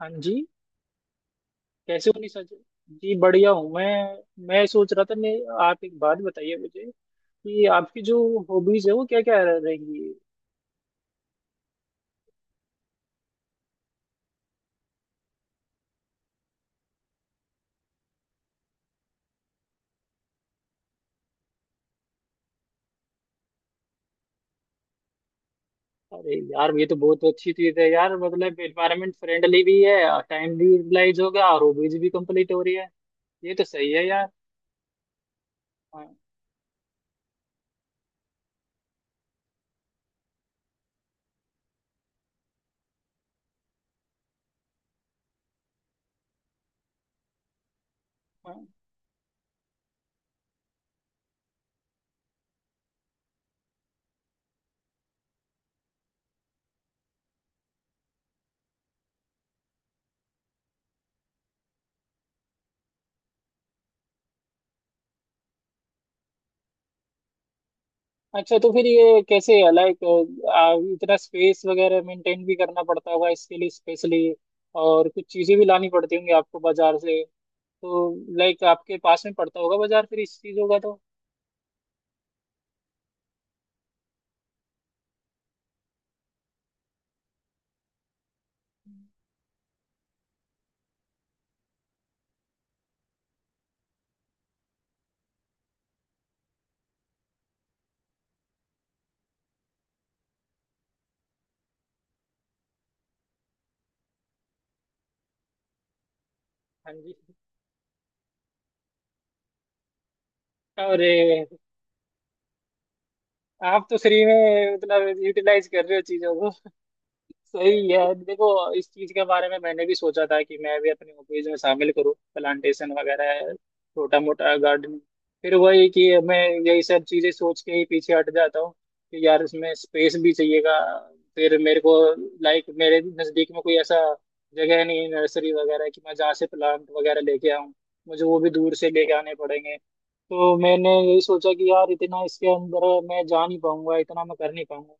हाँ जी। कैसे हो निशा जी? जी बढ़िया हूँ मैं। मैं सोच रहा था। मैं आप एक बात बताइए मुझे कि आपकी जो हॉबीज है वो क्या क्या रहेंगी। अरे यार, ये तो बहुत अच्छी चीज है यार। मतलब एनवायरमेंट फ्रेंडली भी है, टाइम भी यूटिलाइज हो गया और हॉबीज भी कंप्लीट हो रही है। ये तो सही है यार। हाँ, हाँ। अच्छा, तो फिर ये कैसे है लाइक, इतना स्पेस वगैरह मेंटेन भी करना पड़ता होगा इसके लिए स्पेशली। और कुछ चीजें भी लानी पड़ती होंगी आपको बाजार से, तो लाइक आपके पास में पड़ता होगा बाजार फिर इस चीजों का तो। हाँ जी। अरे, आप तो फ्री में मतलब यूटिलाइज कर रहे हो चीजों को। सही है देखो, इस चीज के बारे में मैंने भी सोचा था कि मैं भी अपनी हॉबीज में शामिल करूँ प्लांटेशन वगैरह, छोटा मोटा गार्डनिंग। फिर वही कि मैं यही सब चीजें सोच के ही पीछे हट जाता हूँ कि यार, इसमें स्पेस भी चाहिएगा। फिर मेरे को लाइक मेरे नजदीक में कोई ऐसा जगह नहीं है नर्सरी वगैरह कि मैं जहाँ से प्लांट वगैरह लेके आऊँ। मुझे वो भी दूर से लेके आने पड़ेंगे। तो मैंने यही सोचा कि यार, इतना इसके अंदर मैं जा नहीं पाऊंगा, इतना मैं कर नहीं पाऊंगा।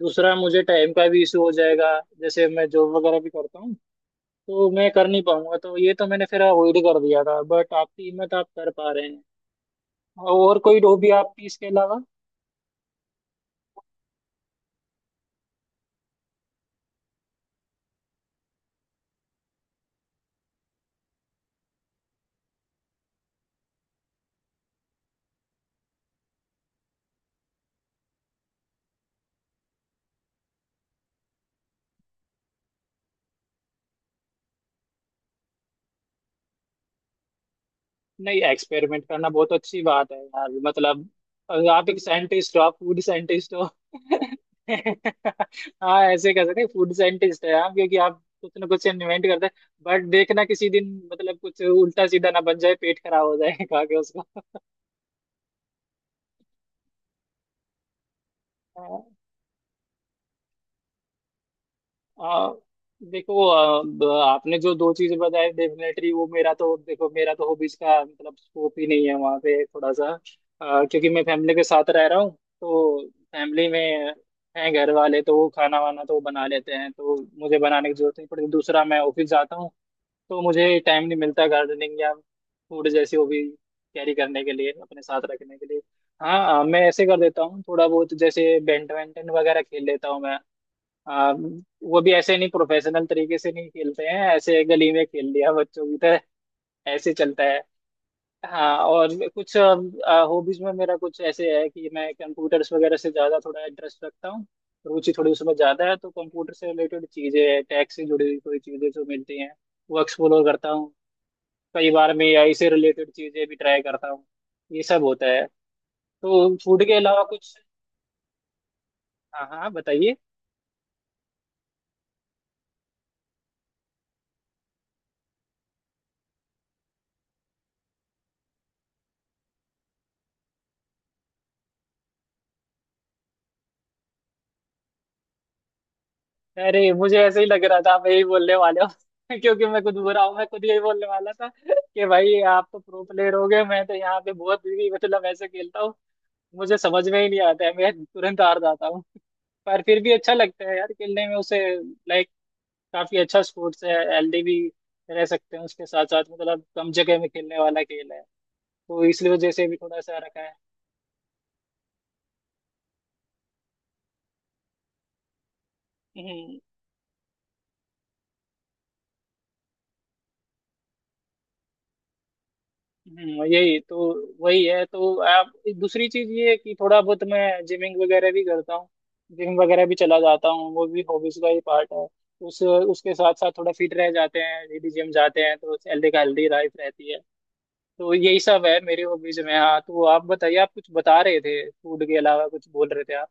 दूसरा, मुझे टाइम का भी इशू हो जाएगा। जैसे मैं जॉब वगैरह भी करता हूँ, तो मैं कर नहीं पाऊंगा। तो ये तो मैंने फिर अवॉइड कर दिया था, बट आपकी हिम्मत आप कर पा रहे हैं। और कोई हॉबी आपकी इसके अलावा? नहीं, एक्सपेरिमेंट करना बहुत अच्छी बात है यार। मतलब अगर आप एक साइंटिस्ट हो, आप फूड साइंटिस्ट हो हाँ ऐसे कह सकते हैं फूड साइंटिस्ट है आप, क्योंकि आप कुछ ना कुछ इन्वेंट करते हैं। बट देखना किसी दिन मतलब कुछ उल्टा सीधा ना बन जाए, पेट खराब हो जाए खा के उसका। आ, देखो, आपने जो दो चीजें बताई डेफिनेटली वो, मेरा तो, देखो मेरा तो हॉबीज का मतलब स्कोप ही नहीं है वहाँ पे थोड़ा सा। क्योंकि मैं फैमिली के साथ रह रहा हूँ तो फैमिली में हैं घर वाले, तो वो खाना वाना तो वो बना लेते हैं, तो मुझे बनाने की जरूरत नहीं पड़ती। दूसरा, मैं ऑफिस जाता हूँ तो मुझे टाइम नहीं मिलता गार्डनिंग या फूड जैसी हॉबी कैरी करने के लिए, अपने साथ रखने के लिए। हाँ, मैं ऐसे कर देता हूँ थोड़ा बहुत, जैसे बैडमिंटन वगैरह खेल लेता हूँ मैं। वो भी ऐसे नहीं, प्रोफेशनल तरीके से नहीं खेलते हैं, ऐसे गली में खेल लिया बच्चों की तरह। ऐसे चलता है। हाँ, और कुछ हॉबीज में मेरा कुछ ऐसे है कि मैं कंप्यूटर्स वगैरह से ज़्यादा थोड़ा इंटरेस्ट रखता हूँ। रुचि थोड़ी उसमें ज़्यादा है, तो कंप्यूटर से रिलेटेड चीज़ें, टैक्स से जुड़ी हुई कोई चीज़ें जो मिलती हैं वो एक्सप्लोर करता हूँ। कई बार मैं एआई से रिलेटेड चीज़ें भी ट्राई करता हूँ। ये सब होता है। तो फूड के अलावा कुछ। हाँ हाँ, बताइए। अरे, मुझे ऐसे ही लग रहा था आप यही बोलने वाले हो क्योंकि मैं खुद बुरा हूँ, मैं खुद यही बोलने वाला था कि भाई आप तो प्रो प्लेयर हो गए, मैं तो यहाँ पे बहुत ही मतलब ऐसे खेलता हूँ। मुझे समझ में ही नहीं आता है, मैं तुरंत हार जाता हूँ पर फिर भी अच्छा लगता है यार, खेलने में उसे। लाइक, काफी अच्छा स्पोर्ट्स है, हेल्दी भी रह सकते हैं उसके साथ साथ। मतलब कम जगह में खेलने वाला खेल है, तो इसलिए वजह से भी थोड़ा सा रखा है। हम्म। यही तो, वही है तो आप। दूसरी चीज ये है कि थोड़ा बहुत मैं जिमिंग वगैरह भी करता हूँ, जिम वगैरह भी चला जाता हूँ। वो भी हॉबीज का ही पार्ट है। उस उसके साथ साथ थोड़ा फिट रह जाते हैं यदि जिम जाते हैं, तो हेल्दी का हेल्दी लाइफ रहती है। तो यही सब है मेरी हॉबीज में। हाँ, तो आप बताइए, आप कुछ बता रहे थे, फूड के अलावा कुछ बोल रहे थे आप।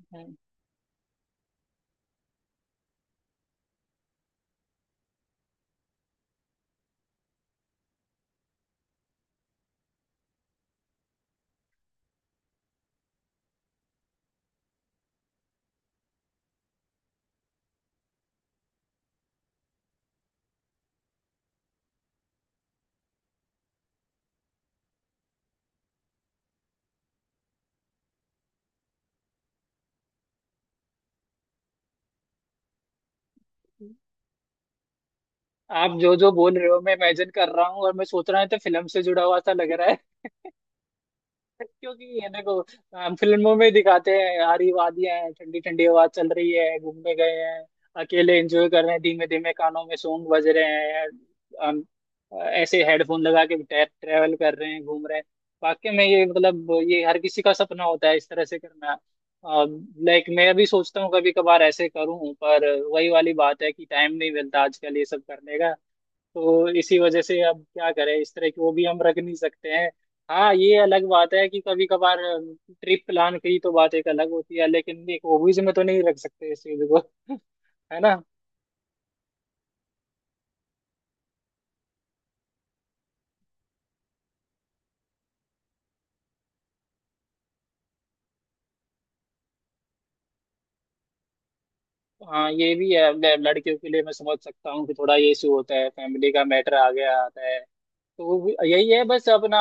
हम्म। आप जो जो बोल रहे हो मैं इमेजिन कर रहा हूँ और मैं सोच रहा हूँ, तो फिल्म से जुड़ा हुआ सा लग रहा। क्योंकि ये देखो, हम फिल्मों में दिखाते हैं, हरी वादियां हैं, ठंडी ठंडी हवा चल रही है, घूमने गए हैं अकेले, एंजॉय कर रहे हैं, धीमे धीमे कानों में सॉन्ग बज रहे हैं, हम ऐसे हेडफोन लगा के ट्रेवल कर रहे हैं, घूम रहे हैं। वाकई में ये मतलब ये हर किसी का सपना होता है इस तरह से करना। लाइक मैं भी सोचता हूँ कभी कभार ऐसे करूँ, पर वही वाली बात है कि टाइम नहीं मिलता आजकल ये सब करने का। तो इसी वजह से अब क्या करें, इस तरह की वो भी हम रख नहीं सकते हैं। हाँ, ये अलग बात है कि कभी कभार ट्रिप प्लान की तो बात एक अलग होती है, लेकिन एक हॉबीज में तो नहीं रख सकते इस चीज को है ना? हाँ, ये भी है। लड़कियों के लिए मैं समझ सकता हूँ कि थोड़ा ये इशू होता है, फैमिली का मैटर आ गया आता है। तो यही है बस अपना,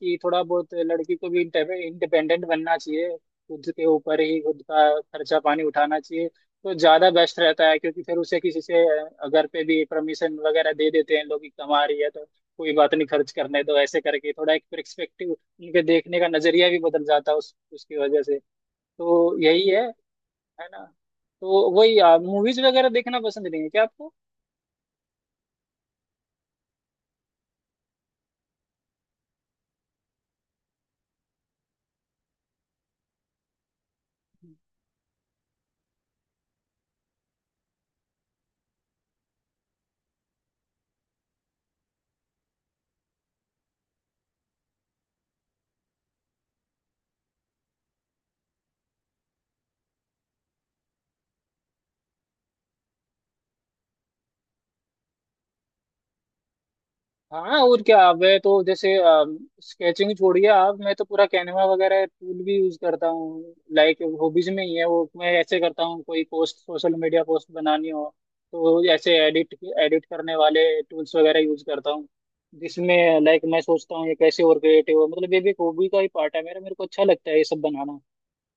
कि थोड़ा बहुत लड़की को भी इंडिपेंडेंट बनना चाहिए, खुद के ऊपर ही खुद का खर्चा पानी उठाना चाहिए, तो ज्यादा बेस्ट रहता है। क्योंकि फिर उसे किसी से, घर पे भी परमिशन वगैरह दे देते हैं लोग कि कमा रही है, तो कोई बात नहीं खर्च करने दो। ऐसे करके थोड़ा एक पर्सपेक्टिव, उनके देखने का नजरिया भी बदल जाता है उस उसकी वजह से। तो यही है। है ना? तो वही, मूवीज वगैरह देखना पसंद नहीं है क्या आपको? हाँ, और क्या! मैं तो जैसे, स्केचिंग छोड़िए आप, मैं तो पूरा कैनवा वगैरह टूल भी यूज करता हूँ। लाइक हॉबीज में ही है वो। मैं ऐसे करता हूँ, कोई पोस्ट सोशल मीडिया पोस्ट बनानी हो तो ऐसे एडिट एडिट करने वाले टूल्स वगैरह यूज करता हूँ। जिसमें लाइक मैं सोचता हूँ ये कैसे और क्रिएटिव हो, मतलब ये भी एक हॉबी का ही पार्ट है मेरा, मेरे को अच्छा लगता है ये सब बनाना।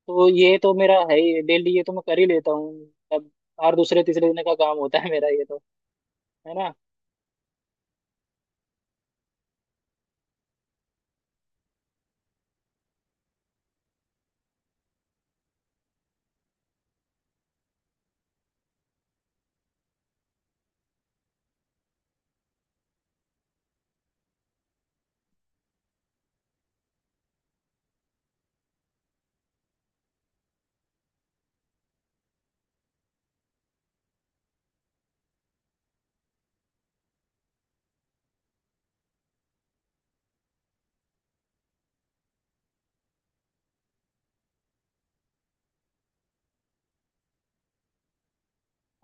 तो ये तो मेरा है ही डेली, ये तो मैं कर ही लेता हूँ अब, हर दूसरे तीसरे दिन का काम होता है मेरा ये तो। है ना?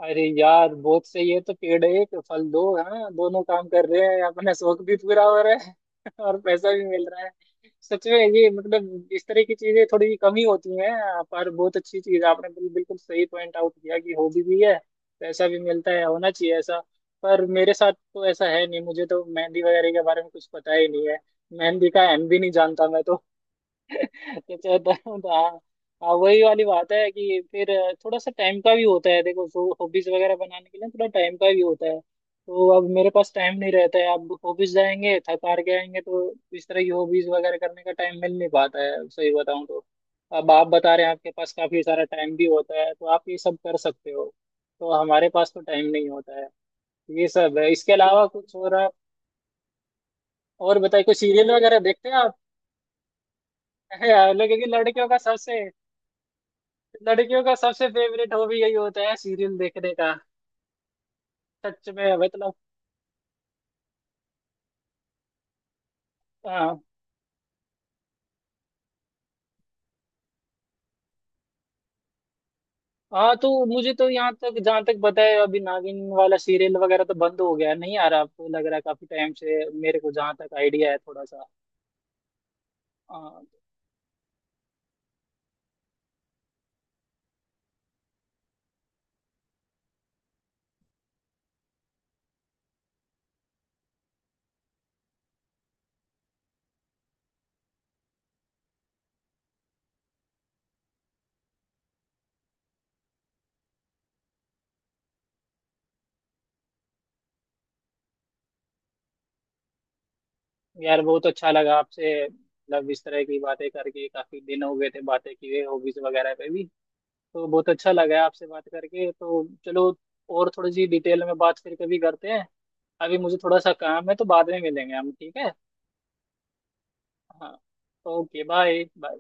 अरे यार, बहुत सही है, तो पेड़ एक फल दो। हाँ, दोनों काम कर रहे हैं, अपना शौक भी पूरा हो रहा है और पैसा भी मिल रहा है। सच में, ये मतलब इस तरह की चीजें थोड़ी कम ही होती हैं, पर बहुत अच्छी चीज है। आपने बिल्कुल सही पॉइंट आउट किया कि हॉबी भी है, पैसा भी मिलता है, होना चाहिए ऐसा। पर मेरे साथ तो ऐसा है नहीं, मुझे तो मेहंदी वगैरह के बारे में कुछ पता ही नहीं है, मेहंदी का M भी नहीं जानता मैं तो। अच्छा तो हाँ, हाँ वही वाली बात है कि फिर, थोड़ा सा टाइम का भी होता है देखो। सो हॉबीज वगैरह बनाने के लिए थोड़ा टाइम का भी होता है, तो अब मेरे पास टाइम नहीं रहता है। अब हॉबीज जाएंगे, थक हार के आएंगे, तो इस तरह की हॉबीज वगैरह करने का टाइम मिल नहीं पाता है सही बताऊं तो। अब आप बता रहे हैं आपके पास काफी सारा टाइम भी होता है, तो आप ये सब कर सकते हो, तो हमारे पास तो टाइम नहीं होता है। ये सब है। इसके अलावा कुछ और आप? और बताइए, कुछ सीरियल वगैरह देखते हैं आप? है, लड़के की लड़कियों का सबसे फेवरेट हॉबी यही होता है, सीरियल देखने का। सच में, मतलब हाँ। हाँ, तो मुझे तो यहाँ तक, जहाँ तक पता है, अभी नागिन वाला सीरियल वगैरह तो बंद हो गया है, नहीं आ रहा, आपको लग रहा है? काफी टाइम से मेरे को जहाँ तक आइडिया है, थोड़ा सा। हाँ। यार बहुत अच्छा लगा आपसे, मतलब इस तरह की बातें करके। काफी दिन हो गए थे बातें किए, हॉबीज वगैरह पे भी। तो बहुत अच्छा लगा आपसे बात करके। तो चलो, और थोड़ी सी डिटेल में बात फिर कभी करते हैं। अभी मुझे थोड़ा सा काम है, तो बाद में मिलेंगे हम, ठीक है? हाँ, ओके, बाय बाय।